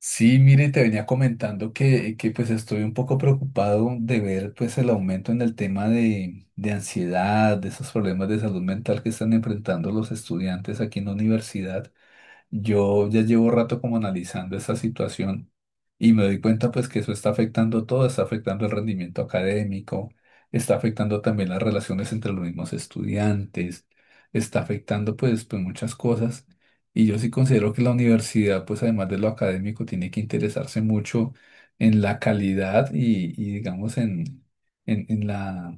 Sí, mire, te venía comentando que pues estoy un poco preocupado de ver pues el aumento en el tema de ansiedad, de esos problemas de salud mental que están enfrentando los estudiantes aquí en la universidad. Yo ya llevo rato como analizando esa situación y me doy cuenta pues que eso está afectando todo, está afectando el rendimiento académico, está afectando también las relaciones entre los mismos estudiantes, está afectando pues muchas cosas y yo sí considero que la universidad pues además de lo académico tiene que interesarse mucho en la calidad y digamos en, en la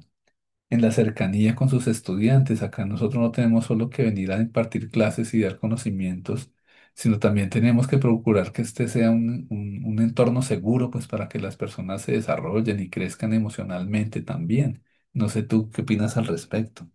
en la cercanía con sus estudiantes. Acá nosotros no tenemos solo que venir a impartir clases y dar conocimientos, sino también tenemos que procurar que este sea un entorno seguro, pues para que las personas se desarrollen y crezcan emocionalmente también. No sé tú qué opinas al respecto.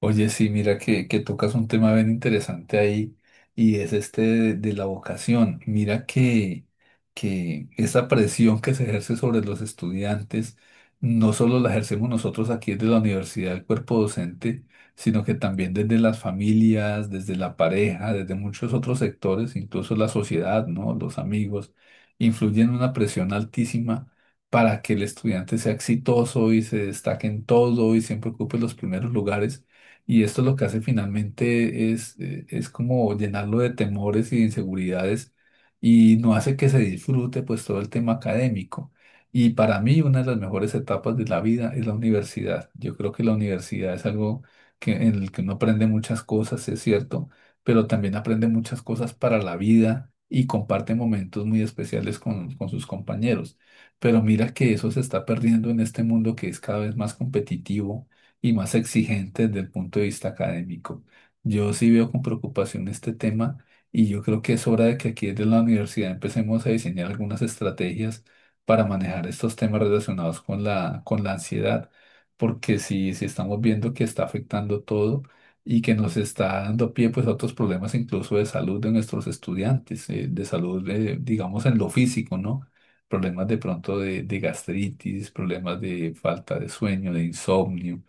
Oye, sí, mira que tocas un tema bien interesante ahí y es este de la vocación. Mira que esa presión que se ejerce sobre los estudiantes no solo la ejercemos nosotros aquí desde la universidad, el cuerpo docente, sino que también desde las familias, desde la pareja, desde muchos otros sectores, incluso la sociedad, ¿no? Los amigos, influyen una presión altísima para que el estudiante sea exitoso y se destaque en todo y siempre ocupe los primeros lugares. Y esto lo que hace finalmente es como llenarlo de temores y de inseguridades y no hace que se disfrute pues todo el tema académico. Y para mí una de las mejores etapas de la vida es la universidad. Yo creo que la universidad es algo que, en el que uno aprende muchas cosas, es cierto, pero también aprende muchas cosas para la vida y comparte momentos muy especiales con sus compañeros. Pero mira que eso se está perdiendo en este mundo que es cada vez más competitivo y más exigentes desde el punto de vista académico. Yo sí veo con preocupación este tema y yo creo que es hora de que aquí desde la universidad empecemos a diseñar algunas estrategias para manejar estos temas relacionados con la ansiedad, porque si estamos viendo que está afectando todo y que nos está dando pie pues a otros problemas incluso de salud de nuestros estudiantes, de salud, digamos, en lo físico, ¿no? Problemas de pronto de gastritis, problemas de falta de sueño, de insomnio.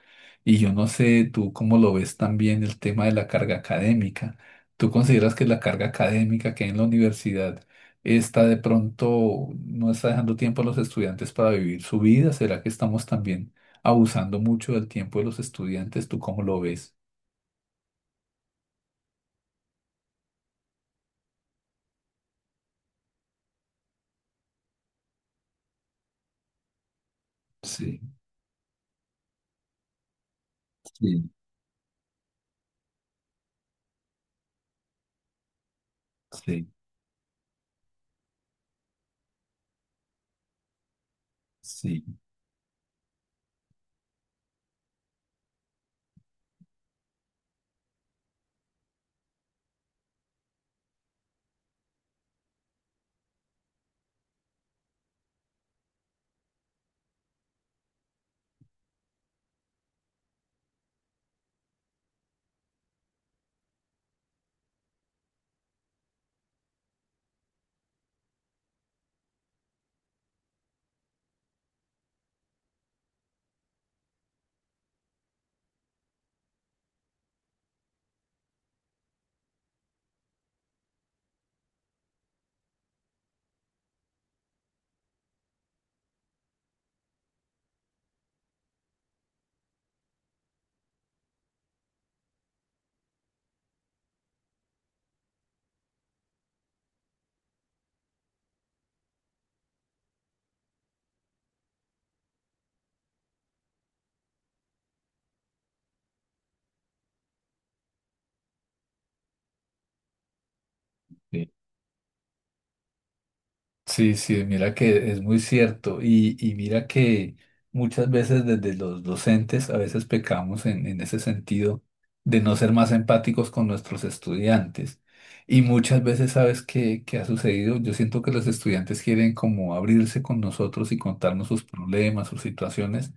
Y yo no sé tú cómo lo ves también el tema de la carga académica. ¿Tú consideras que la carga académica que hay en la universidad está de pronto, no está dejando tiempo a los estudiantes para vivir su vida? ¿Será que estamos también abusando mucho del tiempo de los estudiantes? ¿Tú cómo lo ves? Sí, sí, sí, sí. Sí. Sí, sí, mira que es muy cierto y mira que muchas veces desde los docentes a veces pecamos en ese sentido de no ser más empáticos con nuestros estudiantes. Y muchas veces, ¿sabes qué ha sucedido? Yo siento que los estudiantes quieren como abrirse con nosotros y contarnos sus problemas, sus situaciones,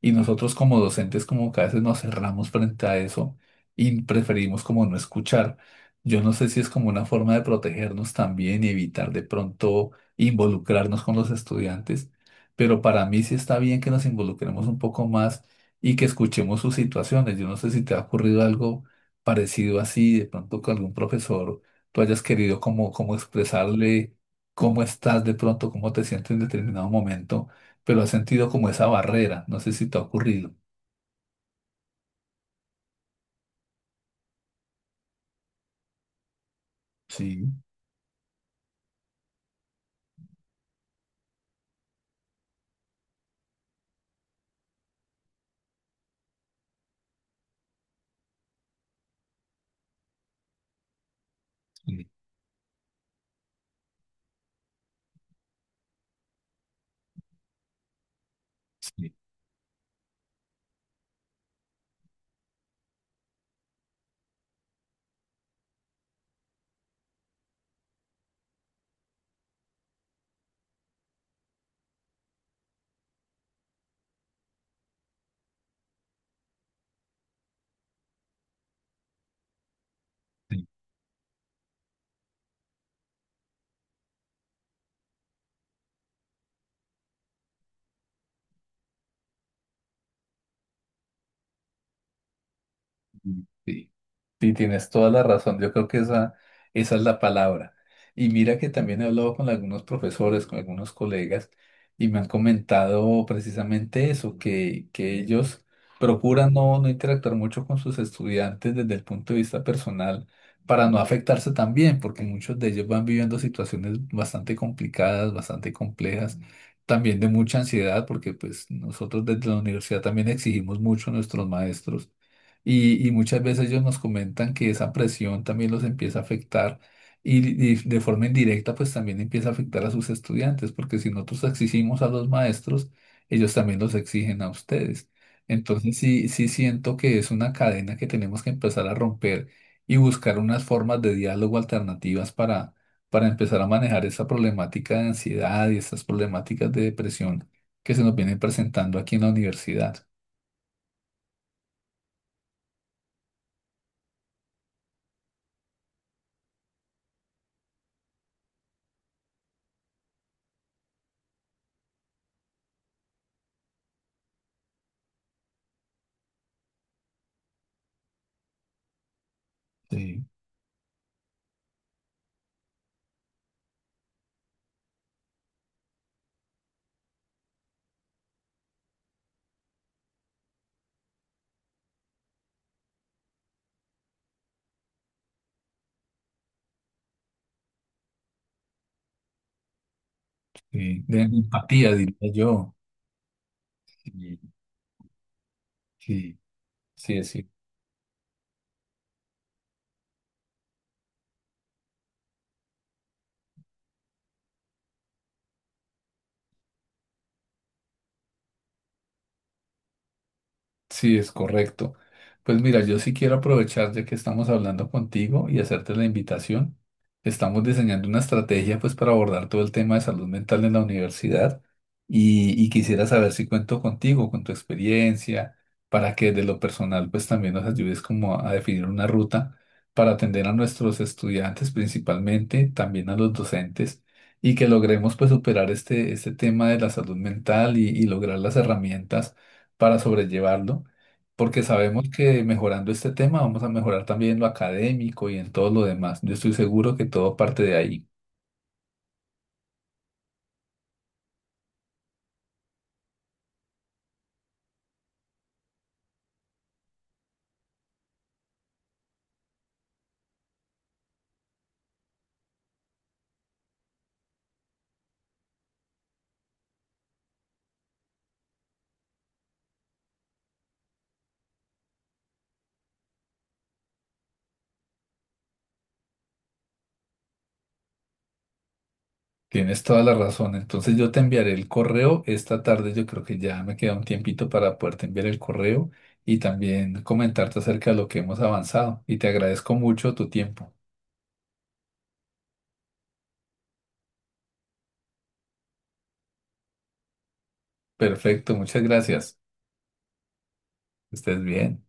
y nosotros como docentes como que a veces nos cerramos frente a eso y preferimos como no escuchar. Yo no sé si es como una forma de protegernos también y evitar de pronto involucrarnos con los estudiantes, pero para mí sí está bien que nos involucremos un poco más y que escuchemos sus situaciones. Yo no sé si te ha ocurrido algo parecido así, de pronto con algún profesor, tú hayas querido como expresarle cómo estás de pronto, cómo te sientes en determinado momento, pero has sentido como esa barrera, no sé si te ha ocurrido. Sí, sí, sí, sí, sí. Sí, tienes toda la razón. Yo creo que esa es la palabra. Y mira que también he hablado con algunos profesores, con algunos colegas, y me han comentado precisamente eso, que ellos procuran no interactuar mucho con sus estudiantes desde el punto de vista personal para no afectarse también, porque muchos de ellos van viviendo situaciones bastante complicadas, bastante complejas, también de mucha ansiedad, porque pues nosotros desde la universidad también exigimos mucho a nuestros maestros y muchas veces ellos nos comentan que esa presión también los empieza a afectar y de forma indirecta pues también empieza a afectar a sus estudiantes, porque si nosotros exigimos a los maestros, ellos también los exigen a ustedes. Entonces sí, sí siento que es una cadena que tenemos que empezar a romper y buscar unas formas de diálogo alternativas para empezar a manejar esa problemática de ansiedad y estas problemáticas de depresión que se nos vienen presentando aquí en la universidad. Sí, sí, de empatía, diría yo. Sí, sí, sí, sí. Sí, es correcto. Pues mira, yo sí quiero aprovechar ya que estamos hablando contigo y hacerte la invitación. Estamos diseñando una estrategia pues para abordar todo el tema de salud mental en la universidad y quisiera saber si cuento contigo, con tu experiencia, para que de lo personal pues también nos ayudes como a definir una ruta para atender a nuestros estudiantes principalmente, también a los docentes y que logremos pues superar este, este tema de la salud mental y lograr las herramientas para sobrellevarlo, porque sabemos que mejorando este tema vamos a mejorar también lo académico y en todo lo demás. Yo estoy seguro que todo parte de ahí. Tienes toda la razón. Entonces yo te enviaré el correo esta tarde. Yo creo que ya me queda un tiempito para poderte enviar el correo y también comentarte acerca de lo que hemos avanzado. Y te agradezco mucho tu tiempo. Perfecto, muchas gracias. Que estés bien.